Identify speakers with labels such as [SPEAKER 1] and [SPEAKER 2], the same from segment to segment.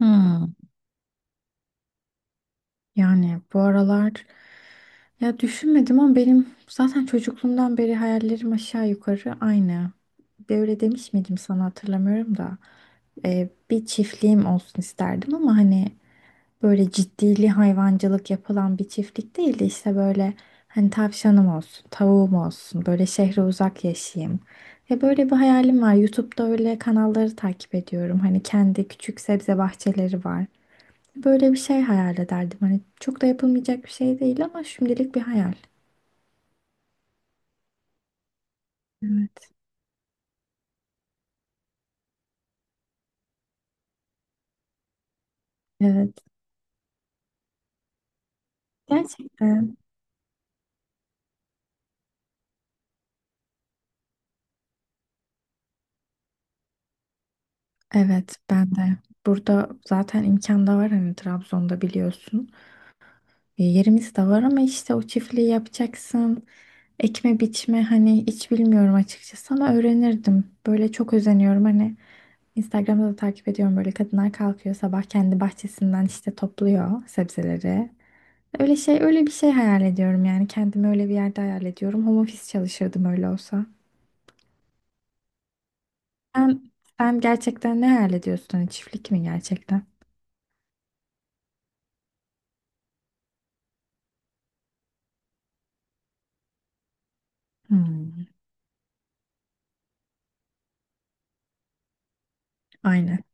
[SPEAKER 1] Hmm, yani bu aralar, ya, düşünmedim ama benim zaten çocukluğumdan beri hayallerim aşağı yukarı aynı. Böyle demiş miydim sana hatırlamıyorum da. Bir çiftliğim olsun isterdim ama hani böyle ciddili hayvancılık yapılan bir çiftlik değil de işte böyle, hani tavşanım olsun, tavuğum olsun, böyle şehre uzak yaşayayım. Ya böyle bir hayalim var. YouTube'da öyle kanalları takip ediyorum. Hani kendi küçük sebze bahçeleri var. Böyle bir şey hayal ederdim. Hani çok da yapılmayacak bir şey değil ama şimdilik bir hayal. Evet. Evet. Gerçekten. Evet ben de. Burada zaten imkan da var hani, Trabzon'da biliyorsun. E, yerimiz de var ama işte o çiftliği yapacaksın. Ekme biçme hani hiç bilmiyorum açıkçası ama öğrenirdim. Böyle çok özeniyorum hani, Instagram'da da takip ediyorum, böyle kadınlar kalkıyor sabah kendi bahçesinden işte topluyor sebzeleri. Öyle şey, öyle bir şey hayal ediyorum yani. Kendimi öyle bir yerde hayal ediyorum. Home office çalışırdım öyle olsa. Sen, sen gerçekten ne hayal ediyorsun? Hani çiftlik mi gerçekten? Hmm, aynen.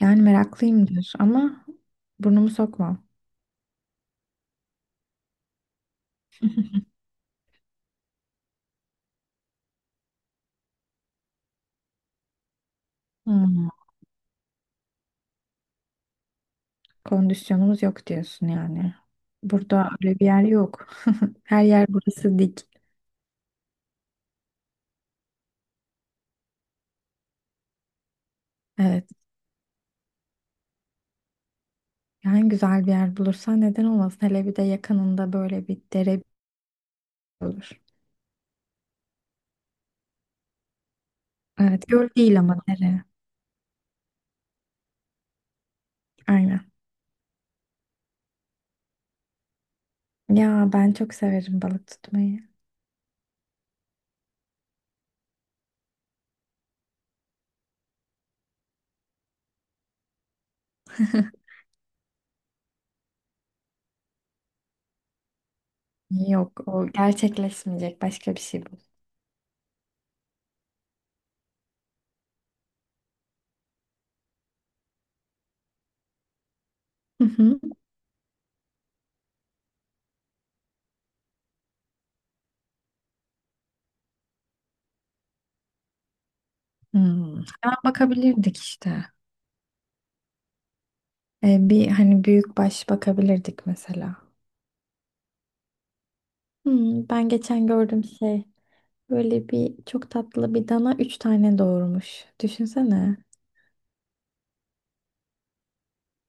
[SPEAKER 1] Yani meraklıyım diyorsun ama burnumu sokmam. Hmm, kondisyonumuz yok diyorsun yani. Burada öyle bir yer yok. Her yer burası dik. Evet. Yani güzel bir yer bulursan neden olmasın? Hele bir de yakınında böyle bir dere olur. Evet, göl değil ama dere. Aynen. Ya ben çok severim balık tutmayı. Yok, o gerçekleşmeyecek, başka bir şey bu. Hı hı. Hmm. Hemen bakabilirdik işte. Bir hani büyük baş bakabilirdik mesela. Hmm, ben geçen gördüm şey. Böyle bir çok tatlı bir dana üç tane doğurmuş. Düşünsene.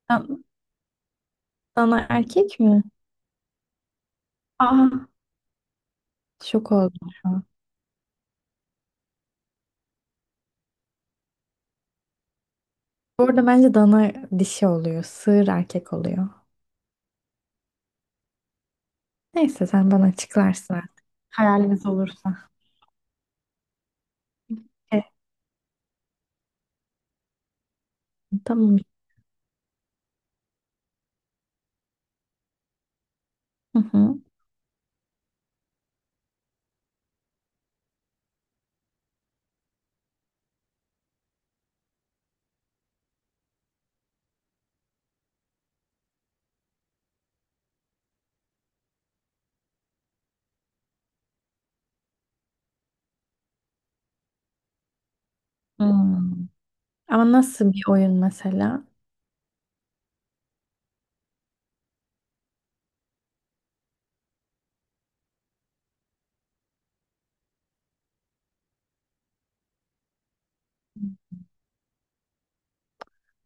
[SPEAKER 1] Dan- Dana erkek mi? Aa, şok oldum şu an. Bu arada bence dana dişi oluyor. Sığır erkek oluyor. Neyse sen bana açıklarsın artık. Hayalimiz olursa. Evet. Tamam. Hı hı. Hmm. Ama nasıl bir oyun mesela?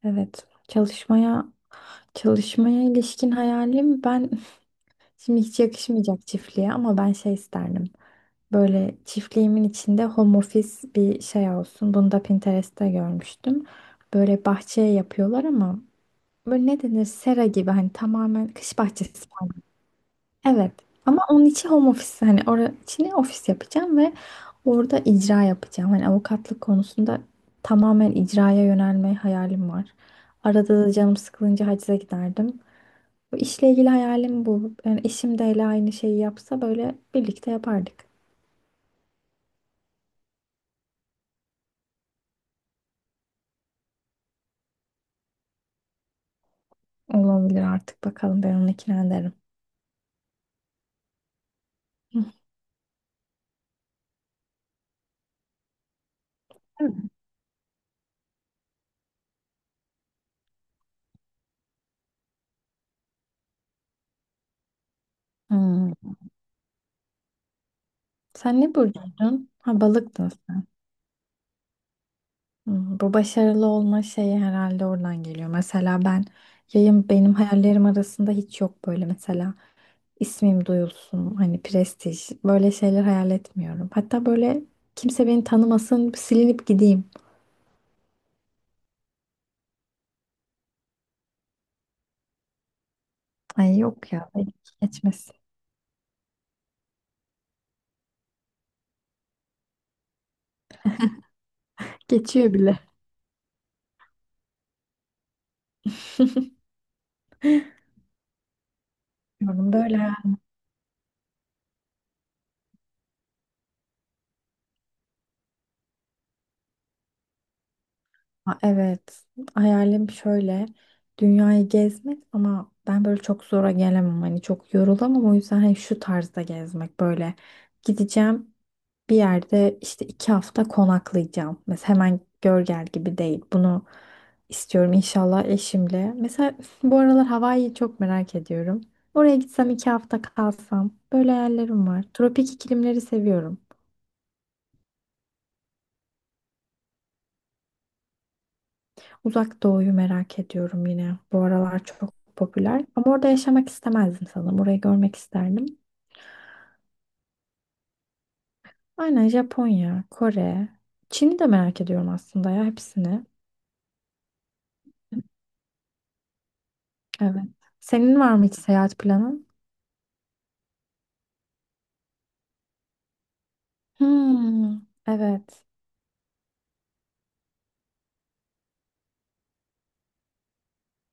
[SPEAKER 1] Evet. Çalışmaya ilişkin hayalim, ben şimdi hiç yakışmayacak çiftliğe ama ben şey isterdim. Böyle çiftliğimin içinde home office bir şey olsun. Bunu da Pinterest'te görmüştüm. Böyle bahçeye yapıyorlar ama böyle, ne denir, sera gibi, hani tamamen kış bahçesi. Evet. Ama onun için home office, hani orası için ofis yapacağım ve orada icra yapacağım. Hani avukatlık konusunda tamamen icraya yönelme hayalim var. Arada da canım sıkılınca hacize giderdim. Bu işle ilgili hayalim bu. Yani eşim de hele aynı şeyi yapsa böyle birlikte yapardık. Olabilir artık, bakalım ben onu ikna ederim. Hı. Değil mi? Hmm. Sen ne burcuydun? Ha, balıktın. Hmm, bu başarılı olma şeyi herhalde oradan geliyor. Mesela ben, yayın benim hayallerim arasında hiç yok böyle, mesela ismim duyulsun, hani prestij, böyle şeyler hayal etmiyorum. Hatta böyle kimse beni tanımasın, silinip gideyim. Ay yok ya, benim geçmesin. Geçiyor bile. Bilmiyorum. Böyle, ha, evet, hayalim şöyle, dünyayı gezmek ama ben böyle çok zora gelemem, hani çok yorulamam, o yüzden hani şu tarzda gezmek, böyle gideceğim bir yerde işte 2 hafta konaklayacağım mesela, hemen gör gel gibi değil. Bunu istiyorum inşallah eşimle mesela. Bu aralar Hawaii'yi çok merak ediyorum, oraya gitsem 2 hafta kalsam, böyle hayallerim var. Tropik iklimleri seviyorum. Uzak Doğu'yu merak ediyorum yine. Bu aralar çok popüler. Ama orada yaşamak istemezdim sanırım. Orayı görmek isterdim. Aynen, Japonya, Kore, Çin'i de merak ediyorum aslında, ya hepsini. Evet. Senin var mı hiç seyahat planın? Hmm, evet.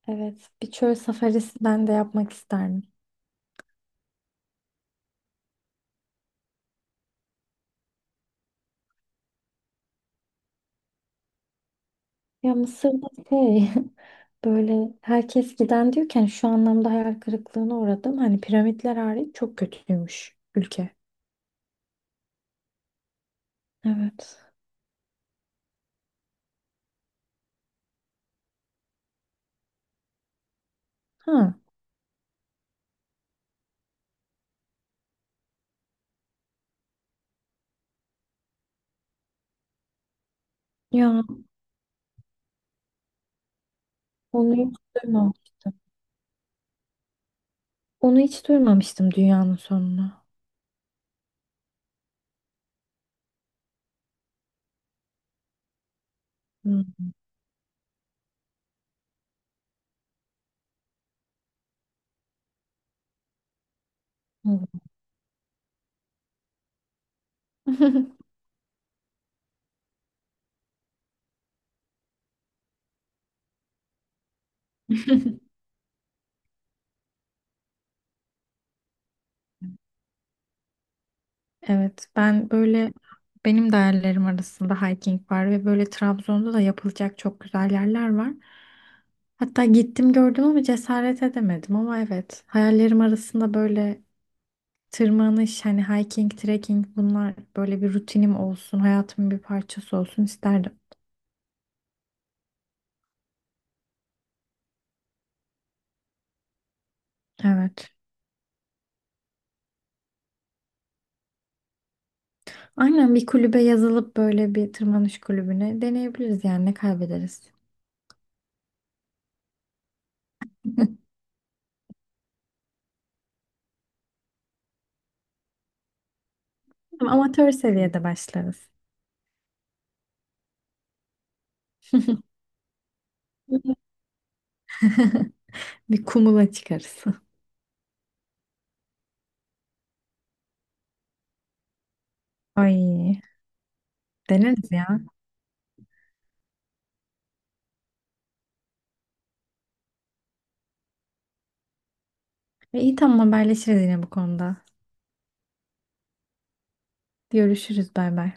[SPEAKER 1] Evet. Bir çöl safarisi ben de yapmak isterdim. Ya Mısır'da şey, böyle herkes giden diyorken şu anlamda hayal kırıklığına uğradım. Hani piramitler hariç çok kötüymüş ülke. Evet. Ha. Ya, onu hiç duymamıştım. Onu hiç duymamıştım, dünyanın sonunu. Hmm. Hmm. Evet, ben böyle, benim de hayallerim arasında hiking var ve böyle Trabzon'da da yapılacak çok güzel yerler var. Hatta gittim gördüm ama cesaret edemedim, ama evet hayallerim arasında böyle tırmanış, hani hiking, trekking, bunlar böyle bir rutinim olsun, hayatımın bir parçası olsun isterdim. Evet. Aynen, bir kulübe yazılıp böyle bir tırmanış kulübüne deneyebiliriz yani, ne kaybederiz. Ama amatör seviyede başlarız. Bir kumula çıkarız. Ay, deneriz ya. E, iyi, tamam, haberleşiriz yine bu konuda. Görüşürüz, bay bay.